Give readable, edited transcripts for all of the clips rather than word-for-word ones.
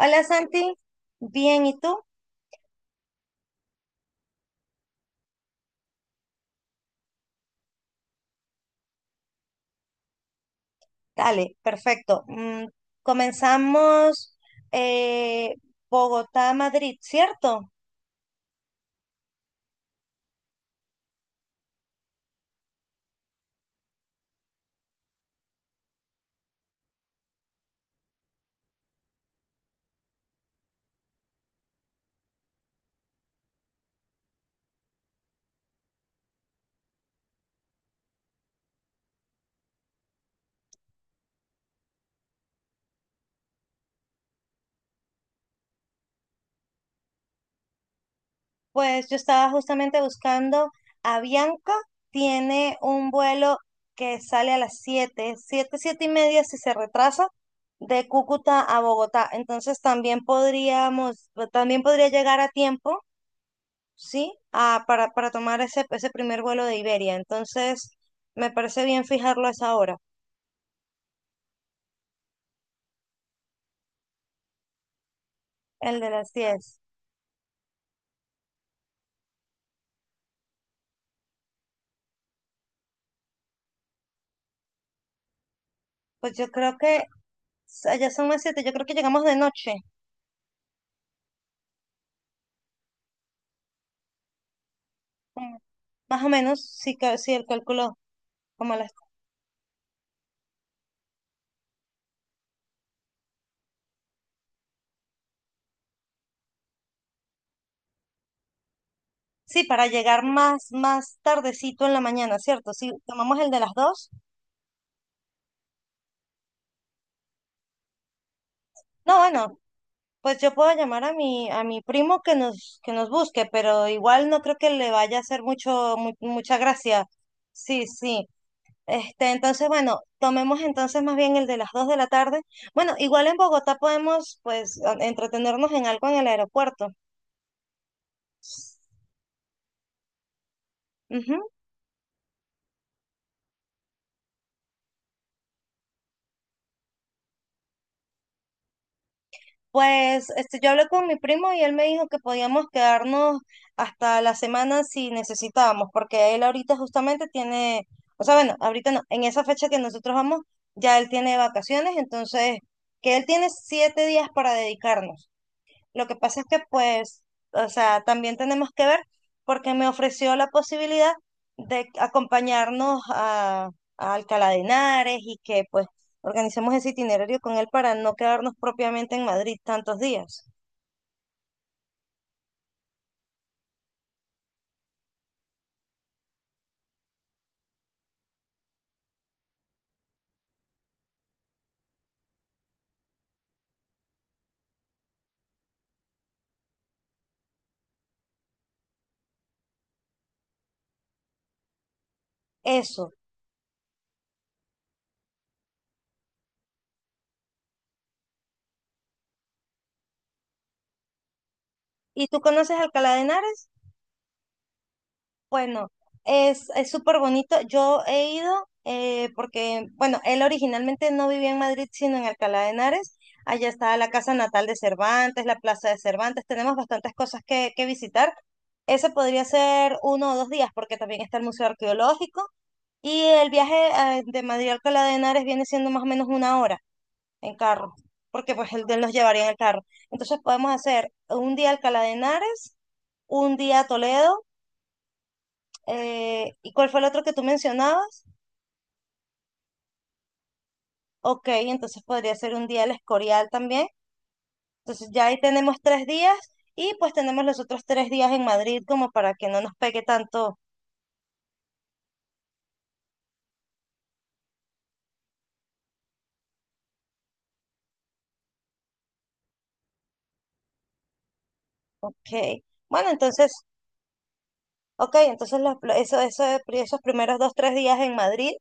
Hola Santi, bien, ¿y tú? Dale, perfecto. Comenzamos eh, Bogotá-Madrid, ¿cierto? Pues yo estaba justamente buscando a Bianca, tiene un vuelo que sale a las 7, 7:30 si se retrasa, de Cúcuta a Bogotá. Entonces también podríamos, también podría llegar a tiempo, ¿sí? Ah, para tomar ese primer vuelo de Iberia. Entonces me parece bien fijarlo a esa hora. El de las 10. Pues yo creo que allá son las 7. Yo creo que llegamos de noche, como más o menos, si el cálculo, como a las... Sí, para llegar más tardecito en la mañana, ¿cierto? Si tomamos el de las 2, no, bueno, pues yo puedo llamar a mi primo que nos busque, pero igual no creo que le vaya a hacer mucho, mucha gracia. Sí, sí. Este, entonces, bueno, tomemos entonces más bien el de las 2 de la tarde. Bueno, igual en Bogotá podemos, pues, entretenernos en algo en el aeropuerto. Ujú. Pues este, yo hablé con mi primo y él me dijo que podíamos quedarnos hasta la semana si necesitábamos, porque él ahorita justamente tiene, o sea, bueno, ahorita no, en esa fecha que nosotros vamos, ya él tiene vacaciones, entonces que él tiene 7 días para dedicarnos. Lo que pasa es que, pues, o sea, también tenemos que ver porque me ofreció la posibilidad de acompañarnos a Alcalá de Henares y que, pues, organicemos ese itinerario con él para no quedarnos propiamente en Madrid tantos días. Eso. ¿Y tú conoces Alcalá de Henares? Bueno, es súper bonito. Yo he ido porque, bueno, él originalmente no vivía en Madrid, sino en Alcalá de Henares. Allá está la casa natal de Cervantes, la plaza de Cervantes. Tenemos bastantes cosas que visitar. Ese podría ser uno o 2 días porque también está el Museo Arqueológico. Y el viaje de Madrid a Alcalá de Henares viene siendo más o menos una hora en carro, porque pues él nos llevaría en el carro. Entonces podemos hacer un día Alcalá de Henares, un día Toledo ¿y cuál fue el otro que tú mencionabas? Ok, entonces podría ser un día el Escorial también. Entonces ya ahí tenemos 3 días y pues tenemos los otros 3 días en Madrid como para que no nos pegue tanto. Ok, bueno, entonces, ok, entonces eso, esos primeros 2, 3 días en Madrid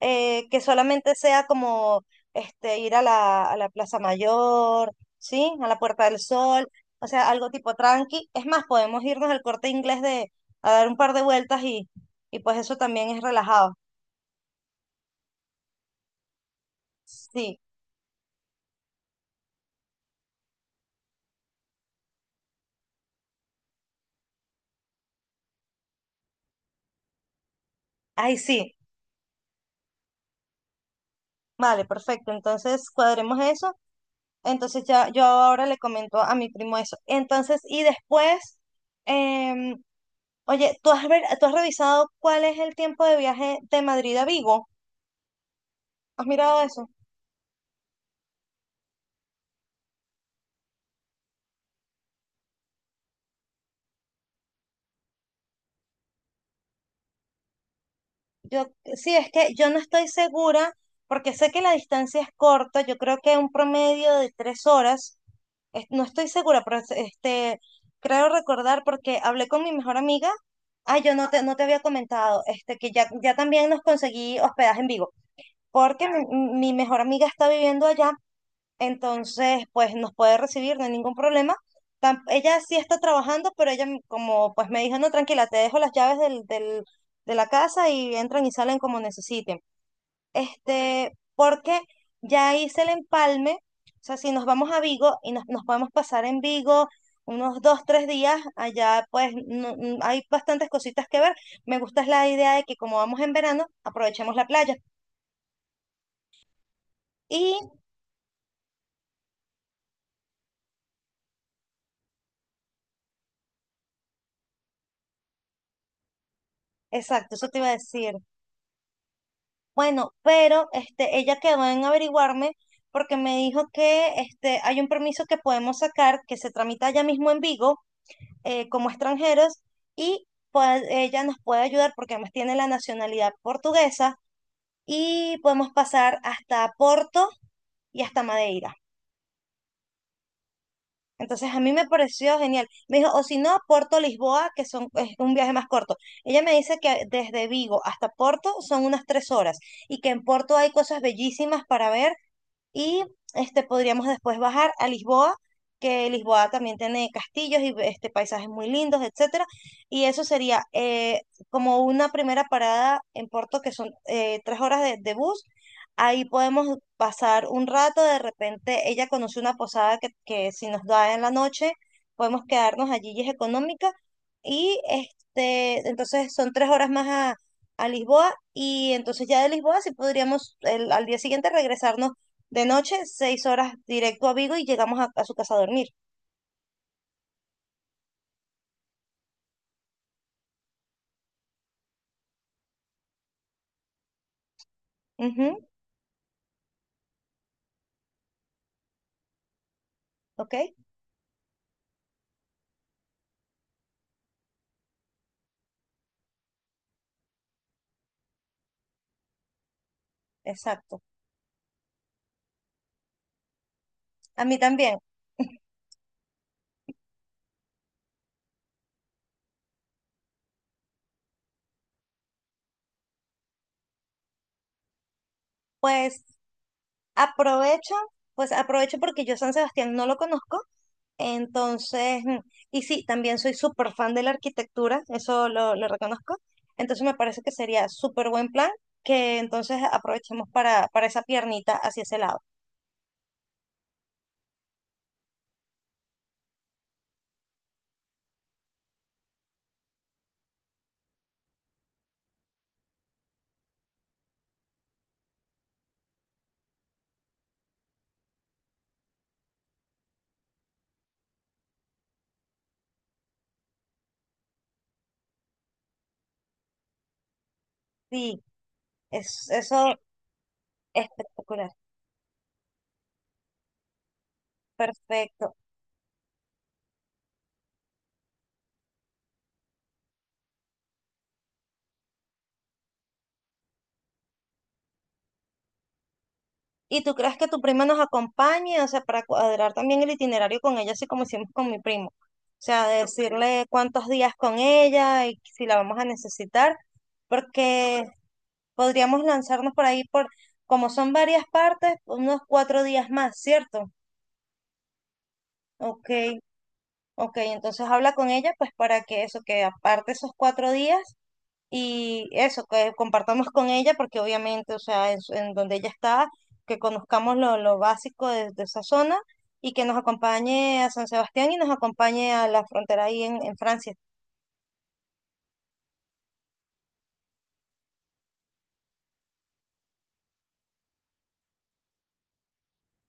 que solamente sea como este, ir a la Plaza Mayor, ¿sí? A la Puerta del Sol, o sea, algo tipo tranqui. Es más, podemos irnos al Corte Inglés de, a dar un par de vueltas y pues eso también es relajado. Sí, ahí sí. Vale, perfecto. Entonces cuadremos eso. Entonces ya yo ahora le comento a mi primo eso. Entonces, y después, em, oye, ¿ tú has revisado cuál es el tiempo de viaje de Madrid a Vigo? ¿Has mirado eso? Yo, sí, es que yo no estoy segura, porque sé que la distancia es corta, yo creo que un promedio de 3 horas, no estoy segura, pero este, creo recordar porque hablé con mi mejor amiga, ah, yo no te había comentado, este, que ya, ya también nos conseguí hospedaje en Vigo, porque mi mejor amiga está viviendo allá, entonces pues nos puede recibir, no hay ningún problema. Ella sí está trabajando, pero ella como pues me dijo, no, tranquila, te dejo las llaves de la casa y entran y salen como necesiten. Este, porque ya hice el empalme, o sea, si nos vamos a Vigo y nos podemos pasar en Vigo unos 2, 3 días, allá pues hay bastantes cositas que ver. Me gusta es la idea de que como vamos en verano, aprovechemos la playa. Y, exacto, eso te iba a decir. Bueno, pero este, ella quedó en averiguarme porque me dijo que este, hay un permiso que podemos sacar que se tramita allá mismo en Vigo como extranjeros, y pues, ella nos puede ayudar porque además tiene la nacionalidad portuguesa y podemos pasar hasta Porto y hasta Madeira. Entonces a mí me pareció genial. Me dijo, o si no, Porto, Lisboa, que son, es un viaje más corto. Ella me dice que desde Vigo hasta Porto son unas 3 horas y que en Porto hay cosas bellísimas para ver. Y este, podríamos después bajar a Lisboa, que Lisboa también tiene castillos y este, paisajes muy lindos, etcétera. Y eso sería como una primera parada en Porto, que son 3 horas de bus. Ahí podemos pasar un rato, de repente ella conoce una posada que si nos da en la noche, podemos quedarnos allí y es económica. Y este, entonces son 3 horas más a Lisboa y entonces ya de Lisboa sí podríamos al día siguiente regresarnos de noche, 6 horas directo a Vigo y llegamos a su casa a dormir. Ujú, ok, exacto. A mí también. Pues aprovecho, pues aprovecho porque yo San Sebastián no lo conozco, entonces, y sí, también soy súper fan de la arquitectura, eso lo reconozco, entonces me parece que sería súper buen plan que entonces aprovechemos para esa piernita hacia ese lado. Sí, eso es espectacular. Perfecto. ¿Y tú crees que tu prima nos acompañe? O sea, para cuadrar también el itinerario con ella, así como hicimos con mi primo. O sea, decirle cuántos días con ella y si la vamos a necesitar, porque podríamos lanzarnos por ahí por, como son varias partes, unos 4 días más, ¿cierto? Ok, ok. Entonces habla con ella, pues para que eso, que aparte esos 4 días. Y eso, que compartamos con ella, porque obviamente, o sea, en, en donde ella está, que conozcamos lo básico de esa zona y que nos acompañe a San Sebastián y nos acompañe a la frontera ahí en Francia.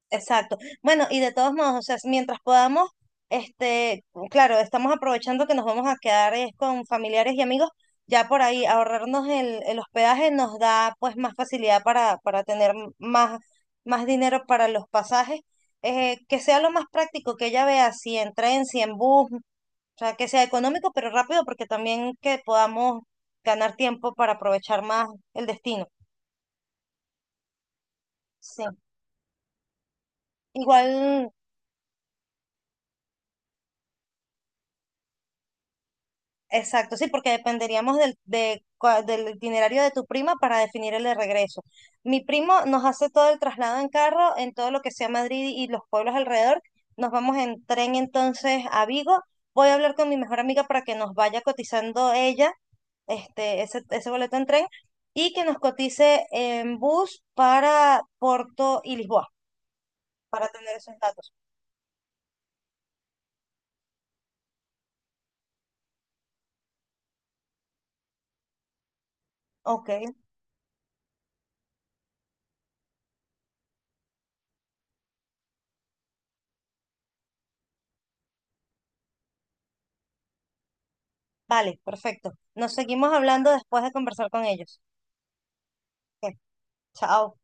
Exacto. Bueno, y de todos modos, o sea, mientras podamos, este, claro, estamos aprovechando que nos vamos a quedar es con familiares y amigos, ya por ahí ahorrarnos el hospedaje nos da pues más facilidad para tener más, más dinero para los pasajes, que sea lo más práctico, que ella vea si en tren, si en bus, o sea, que sea económico pero rápido, porque también que podamos ganar tiempo para aprovechar más el destino. Sí. Igual. Exacto, sí, porque dependeríamos del itinerario de tu prima para definir el de regreso. Mi primo nos hace todo el traslado en carro, en todo lo que sea Madrid y los pueblos alrededor. Nos vamos en tren entonces a Vigo. Voy a hablar con mi mejor amiga para que nos vaya cotizando ella este, ese boleto en tren y que nos cotice en bus para Porto y Lisboa, para tener esos datos. Ok, vale, perfecto. Nos seguimos hablando después de conversar con ellos. Ok, chao.